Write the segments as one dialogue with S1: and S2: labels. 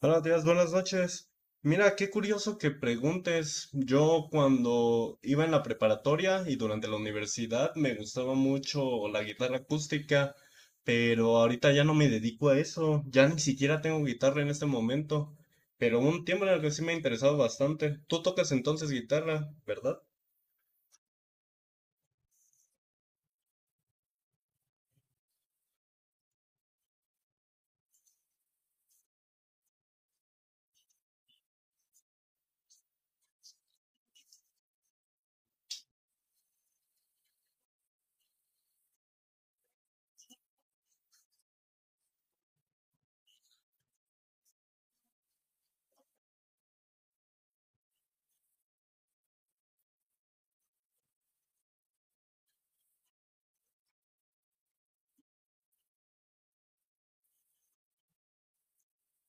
S1: Buenos días, buenas noches. Mira, qué curioso que preguntes. Yo cuando iba en la preparatoria y durante la universidad me gustaba mucho la guitarra acústica, pero ahorita ya no me dedico a eso. Ya ni siquiera tengo guitarra en este momento. Pero hubo un tiempo en el que sí me ha interesado bastante. Tú tocas entonces guitarra, ¿verdad?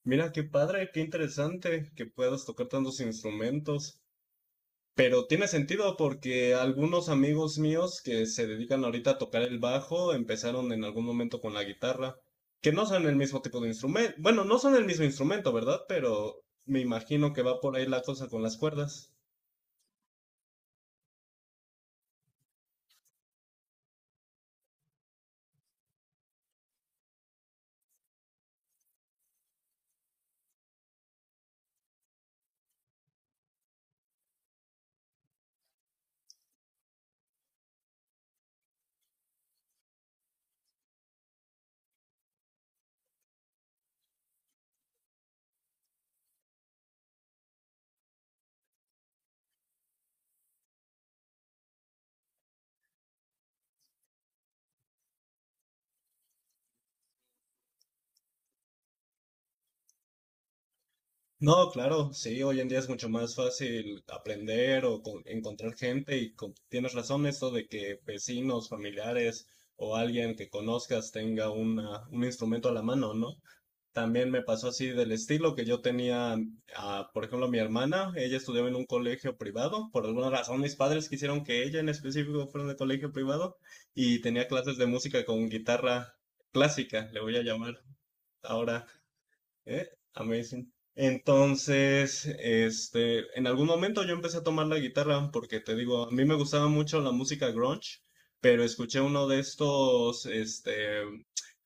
S1: Mira, qué padre, qué interesante que puedas tocar tantos instrumentos. Pero tiene sentido porque algunos amigos míos que se dedican ahorita a tocar el bajo empezaron en algún momento con la guitarra, que no son el mismo tipo de instrumento. Bueno, no son el mismo instrumento, ¿verdad? Pero me imagino que va por ahí la cosa con las cuerdas. No, claro, sí, hoy en día es mucho más fácil aprender o encontrar gente y con- tienes razón esto de que vecinos, familiares o alguien que conozcas tenga una, un instrumento a la mano, ¿no? También me pasó así del estilo que yo tenía, ah, por ejemplo, mi hermana, ella estudiaba en un colegio privado, por alguna razón mis padres quisieron que ella en específico fuera de colegio privado y tenía clases de música con guitarra clásica, le voy a llamar ahora. Eh, Amazing. Entonces, en algún momento yo empecé a tomar la guitarra porque te digo, a mí me gustaba mucho la música grunge, pero escuché uno de estos,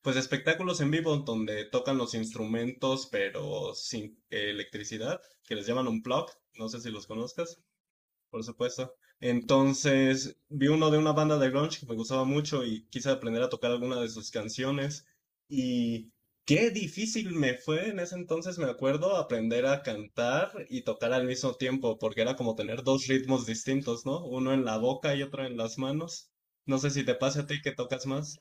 S1: pues espectáculos en vivo donde tocan los instrumentos pero sin electricidad, que les llaman un plug, no sé si los conozcas. Por supuesto. Entonces, vi uno de una banda de grunge que me gustaba mucho y quise aprender a tocar alguna de sus canciones. Y qué difícil me fue en ese entonces, me acuerdo, aprender a cantar y tocar al mismo tiempo, porque era como tener dos ritmos distintos, ¿no? Uno en la boca y otro en las manos. No sé si te pasa a ti que tocas más.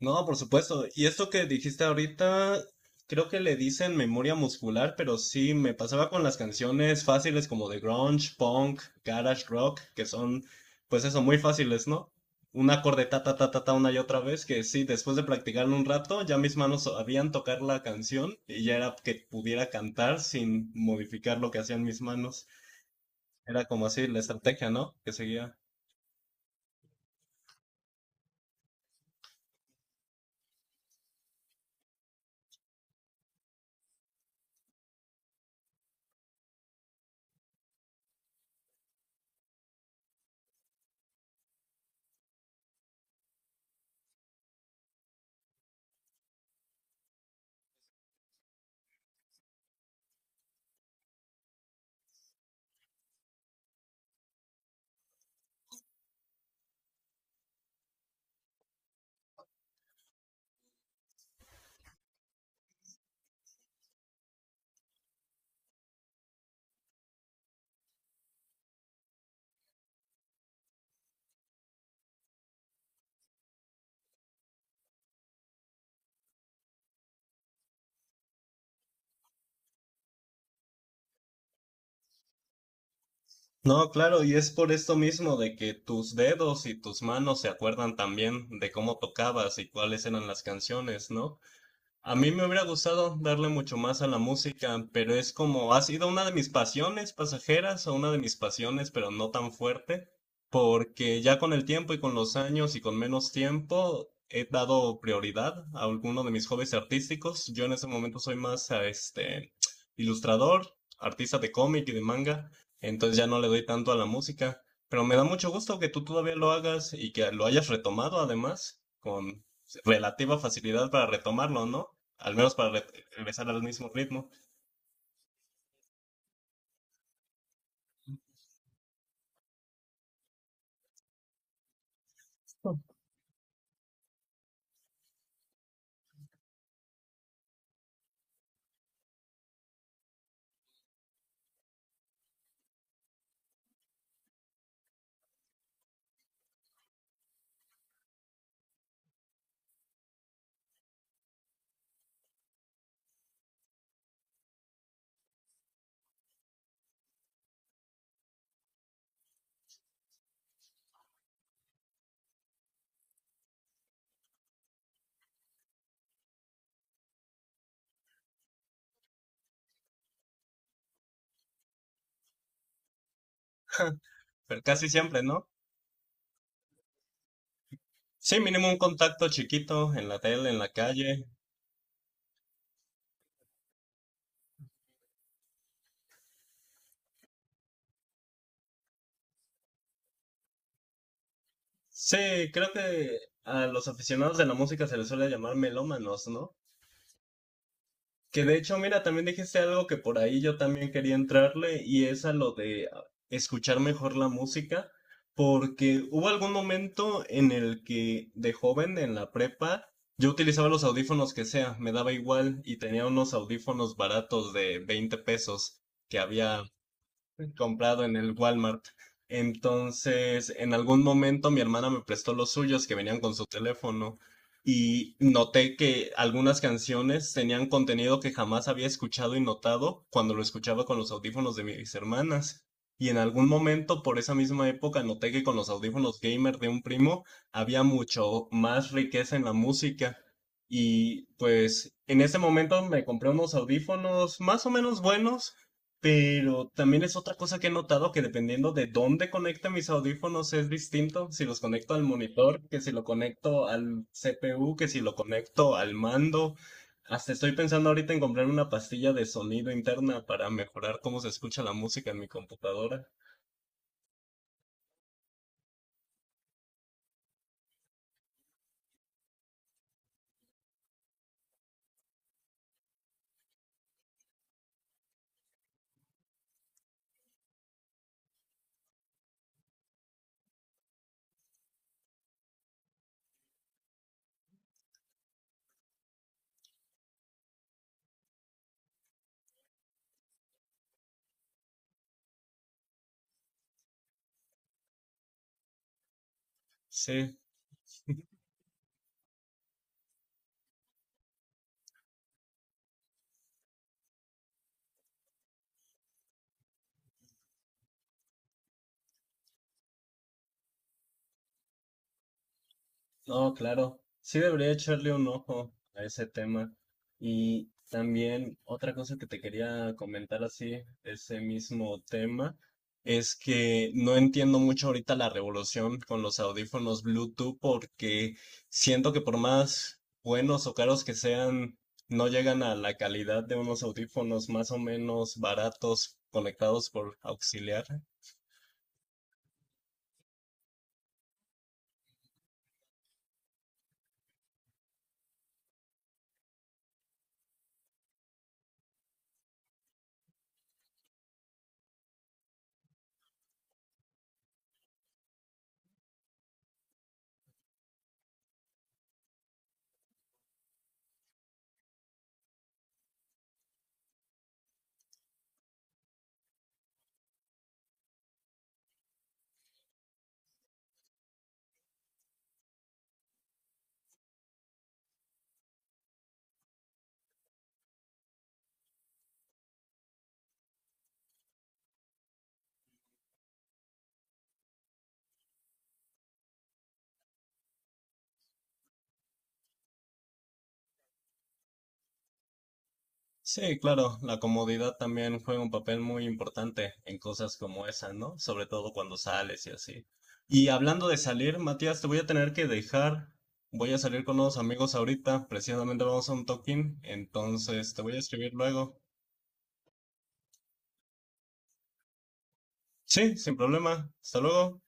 S1: No, por supuesto. Y esto que dijiste ahorita, creo que le dicen memoria muscular, pero sí me pasaba con las canciones fáciles como de grunge, punk, garage rock, que son, pues eso, muy fáciles, ¿no? Un acorde ta ta ta ta ta una y otra vez, que sí, después de practicarlo un rato, ya mis manos sabían tocar la canción y ya era que pudiera cantar sin modificar lo que hacían mis manos. Era como así la estrategia, ¿no? Que seguía. No, claro, y es por esto mismo de que tus dedos y tus manos se acuerdan también de cómo tocabas y cuáles eran las canciones, ¿no? A mí me hubiera gustado darle mucho más a la música, pero es como ha sido una de mis pasiones pasajeras o una de mis pasiones, pero no tan fuerte, porque ya con el tiempo y con los años y con menos tiempo he dado prioridad a alguno de mis hobbies artísticos. Yo en ese momento soy más a este ilustrador, artista de cómic y de manga, entonces ya no le doy tanto a la música, pero me da mucho gusto que tú todavía lo hagas y que lo hayas retomado además con relativa facilidad para retomarlo, ¿no? Al menos para regresar al mismo ritmo, pero casi siempre, ¿no? Sí, mínimo un contacto chiquito en la tele, en la calle. Sí, creo que a los aficionados de la música se les suele llamar melómanos, ¿no? Que de hecho, mira, también dijiste algo que por ahí yo también quería entrarle y es a lo de ah, escuchar mejor la música, porque hubo algún momento en el que de joven en la prepa yo utilizaba los audífonos que sea, me daba igual y tenía unos audífonos baratos de 20 pesos que había comprado en el Walmart. Entonces, en algún momento mi hermana me prestó los suyos que venían con su teléfono y noté que algunas canciones tenían contenido que jamás había escuchado y notado cuando lo escuchaba con los audífonos de mis hermanas. Y en algún momento, por esa misma época, noté que con los audífonos gamer de un primo había mucho más riqueza en la música. Y pues en ese momento me compré unos audífonos más o menos buenos, pero también es otra cosa que he notado que dependiendo de dónde conecte mis audífonos es distinto. Si los conecto al monitor, que si lo conecto al CPU, que si lo conecto al mando. Hasta estoy pensando ahorita en comprar una pastilla de sonido interna para mejorar cómo se escucha la música en mi computadora. Sí. No, claro. Sí debería echarle un ojo a ese tema. Y también otra cosa que te quería comentar así, ese mismo tema, es que no entiendo mucho ahorita la revolución con los audífonos Bluetooth porque siento que por más buenos o caros que sean, no llegan a la calidad de unos audífonos más o menos baratos conectados por auxiliar. Sí, claro, la comodidad también juega un papel muy importante en cosas como esa, ¿no? Sobre todo cuando sales y así. Y hablando de salir, Matías, te voy a tener que dejar. Voy a salir con unos amigos ahorita, precisamente vamos a un toquín, entonces te voy a escribir luego. Sí, sin problema. Hasta luego.